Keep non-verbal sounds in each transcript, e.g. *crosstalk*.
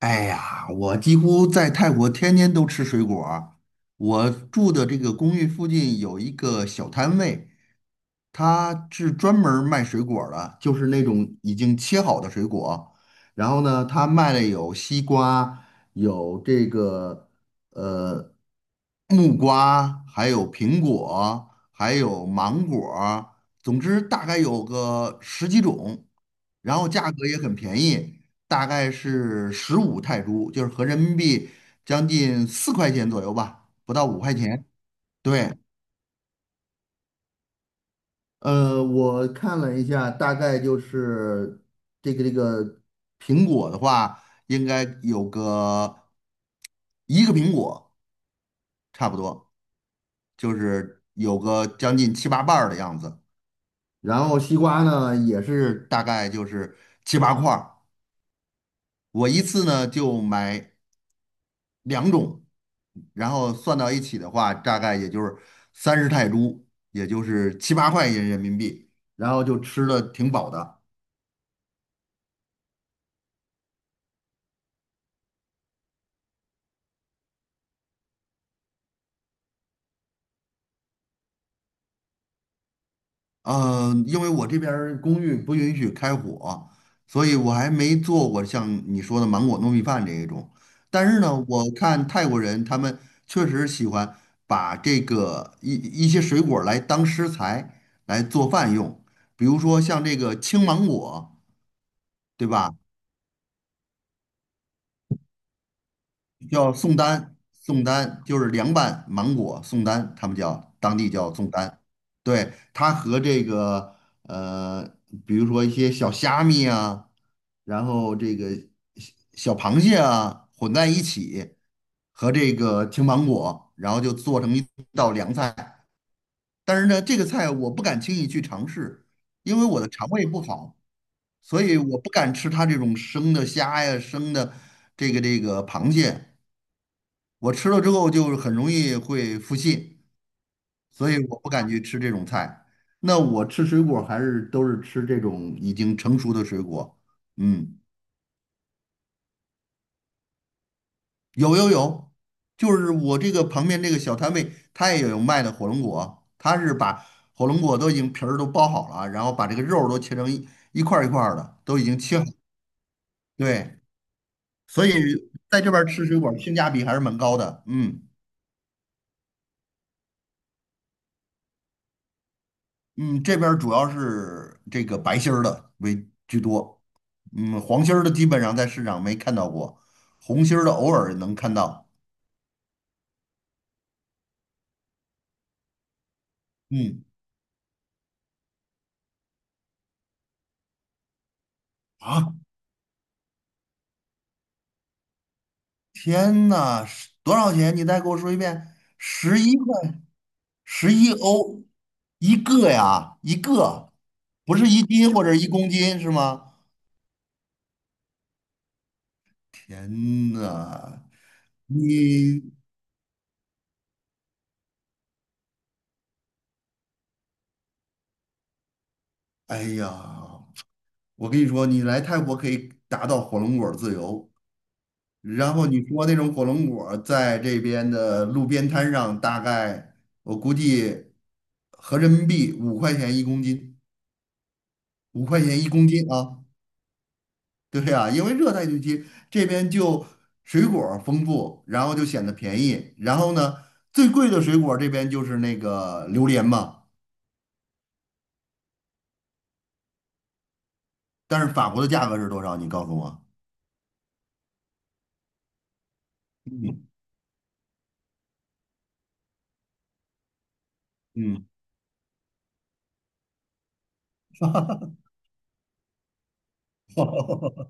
哎呀，我几乎在泰国天天都吃水果儿。我住的这个公寓附近有一个小摊位，他是专门儿卖水果儿的，就是那种已经切好的水果。然后呢，他卖的有西瓜，有这个呃木瓜，还有苹果，还有芒果，总之大概有个十几种。然后价格也很便宜，大概是15泰铢，就是合人民币将近4块钱左右吧，不到五块钱。对，我看了一下，大概就是这个苹果的话，应该有个一个苹果差不多，就是有个将近七八瓣儿的样子。然后西瓜呢，也是大概就是七八块儿。我一次呢就买两种，然后算到一起的话，大概也就是30泰铢，也就是七八块钱人民币，然后就吃的挺饱的。因为我这边儿公寓不允许开火，所以我还没做过像你说的芒果糯米饭这一种。但是呢，我看泰国人他们确实喜欢把这个一些水果儿来当食材来做饭用，比如说像这个青芒果，对吧？叫宋丹，宋丹就是凉拌芒果，宋丹他们叫当地叫宋丹。对，它和这个呃，比如说一些小虾米啊，然后这个小螃蟹啊混在一起，和这个青芒果，然后就做成一道凉菜。但是呢，这个菜我不敢轻易去尝试，因为我的肠胃不好，所以我不敢吃它这种生的虾呀、生的这个螃蟹。我吃了之后就很容易会腹泻，所以我不敢去吃这种菜。那我吃水果还是都是吃这种已经成熟的水果。嗯，有有有，就是我这个旁边这个小摊位，他也有卖的火龙果，他是把火龙果都已经皮儿都剥好了，然后把这个肉都切成一块儿一块儿的，都已经切好。对，所以在这边儿吃水果性价比还是蛮高的。嗯。嗯，这边儿主要是这个白心儿的为居多，嗯，黄心儿的基本上在市场没看到过，红心儿的偶尔能看到。嗯，啊，天呐，是多少钱？你再给我说一遍，十一块，11欧一个呀，一个，不是一斤或者一公斤是吗？天呐，你，哎呀，我跟你说，你来泰国可以达到火龙果自由。然后你说那种火龙果儿在这边的路边摊上，大概我估计合人民币五块钱一公斤，五块钱一公斤啊。对呀，因为热带地区这边就水果儿丰富，然后就显得便宜。然后呢，最贵的水果儿这边就是那个榴莲嘛，但是法国的价格是多少？你告诉我。嗯嗯，*laughs*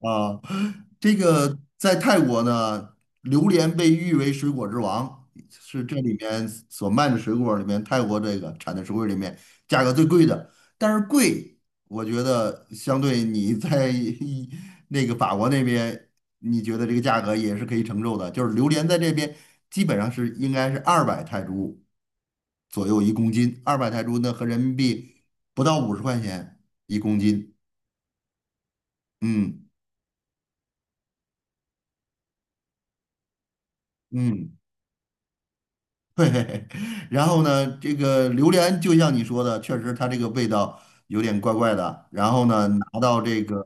啊，这个在泰国呢，榴莲被誉为水果之王，是这里面所卖的水果里面，泰国这个产的水果里面价格最贵的。但是贵，我觉得相对你在那个法国那边，你觉得这个价格也是可以承受的。就是榴莲在这边基本上是应该是二百泰铢左右一公斤，二百泰铢呢合人民币不到50块钱一公斤。嗯嗯。对，*laughs* 然后呢，这个榴莲就像你说的，确实它这个味道有点怪怪的。然后呢，拿到这个，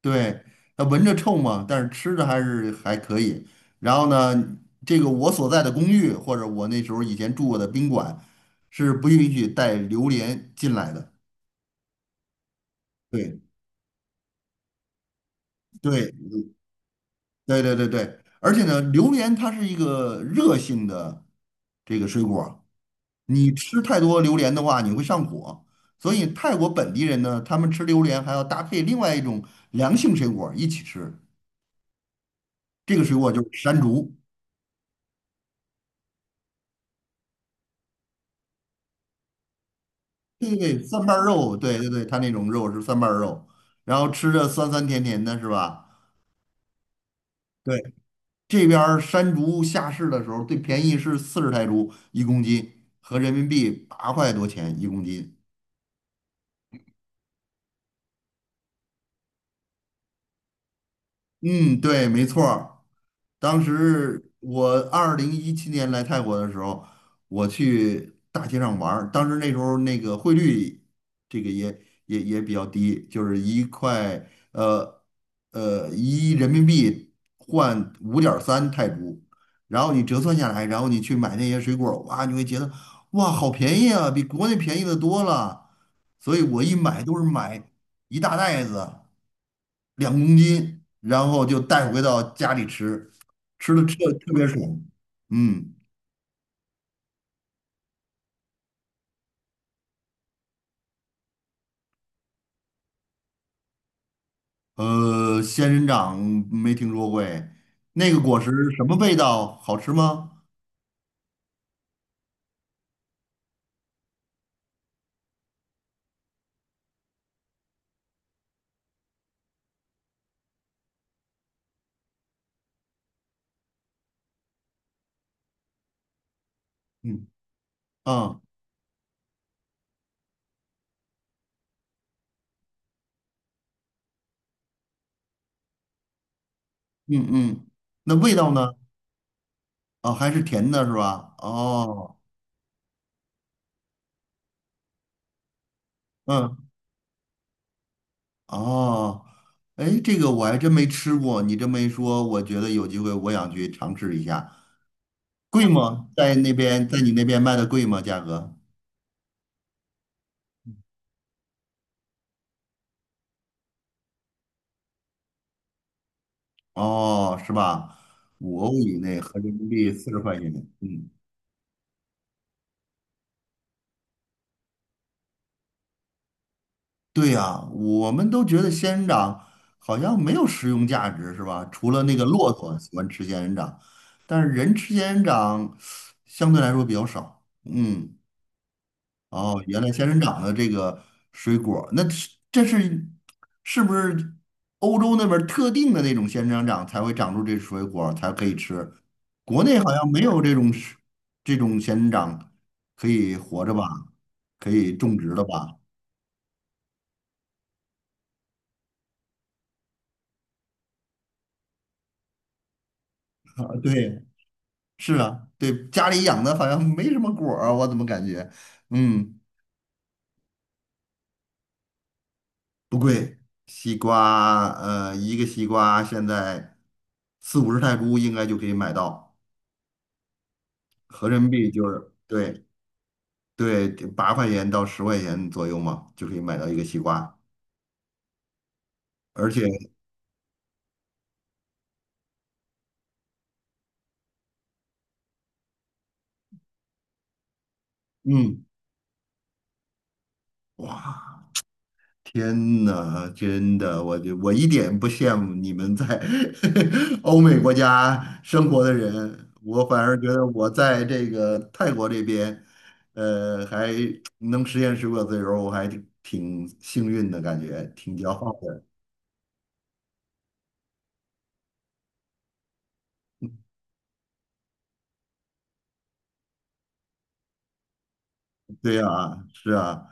对，它闻着臭嘛，但是吃着还是还可以。然后呢，这个我所在的公寓或者我那时候以前住过的宾馆是不允许带榴莲进来的。对，对，对，对，对，对。而且呢，榴莲它是一个热性的这个水果儿，你吃太多榴莲的话，你会上火。所以泰国本地人呢，他们吃榴莲还要搭配另外一种凉性水果一起吃，这个水果就是山竹。对对对，蒜瓣儿肉，对对对，它那种肉是蒜瓣儿肉，然后吃着酸酸甜甜的，是吧？对，这边儿山竹下市的时候最便宜是40泰铢一公斤，合人民币八块多钱一公斤。嗯，对，没错儿。当时我2017年来泰国的时候，我去大街上玩儿，当时那时候那个汇率，这个也比较低，就是一人民币换5.3泰铢，然后你折算下来，然后你去买那些水果儿哇，你会觉得哇好便宜啊，比国内便宜的多了。所以我一买都是买一大袋子，2公斤，然后就带回到家里吃，吃的特别爽。嗯，呃，仙人掌没听说过哎，那个果实什么味道？好吃吗？嗯啊嗯嗯，那味道呢？啊，还是甜的是吧？哦，嗯哦，哎，这个我还真没吃过，你这么一说，我觉得有机会我想去尝试一下。贵吗？在那边，在你那边卖的贵吗？价格？哦，是吧？五欧以内，合人民币40块钱。嗯，对呀，我们都觉得仙人掌好像没有食用价值，是吧？除了那个骆驼喜欢吃仙人掌，但是人吃仙人掌相对来说比较少。嗯，哦，原来仙人掌的这个水果儿那是这是是不是欧洲那边儿特定的那种仙人掌才会长出这水果儿才可以吃？国内好像没有这种是这种仙人掌可以活着吧，可以种植的吧？啊，对，是啊，对，家里养的好像没什么果儿，我怎么感觉？嗯，不贵，西瓜，一个西瓜现在四五十泰铢应该就可以买到。合人民币就是对，对，八块钱到十块钱左右嘛，就可以买到一个西瓜，而且嗯，哇，天呐，真的，我就我一点不羡慕你们在 *laughs* 欧美国家生活的人，我反而觉得我在这个泰国这边，还能实现食不可自由，我还挺幸运的感觉，挺骄傲的。对呀，是啊，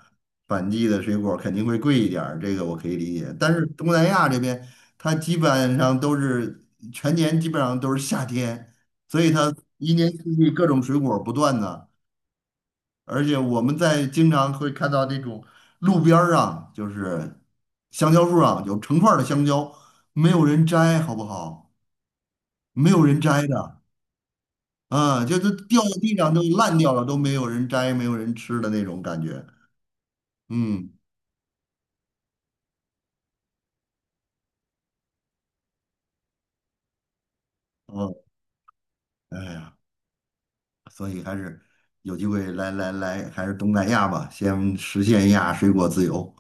反季的水果儿肯定会贵一点儿，这个我可以理解。但是东南亚这边，它基本上都是全年基本上都是夏天，所以它一年四季各种水果儿不断的。而且我们在经常会看到那种路边儿上，就是香蕉树上有成串儿的香蕉，没有人摘，好不好？没有人摘的，啊，就是掉到地上都烂掉了，都没有人摘，没有人吃的那种感觉。嗯，哦，哎呀，所以还是有机会来来来，还是东南亚吧，先实现一下水果自由。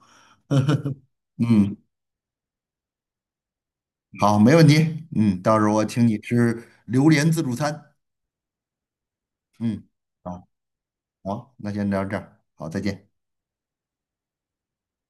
嗯，好，没问题。嗯，到时候我请你吃榴莲自助餐。嗯，好，好，那先聊到这儿，好，再见。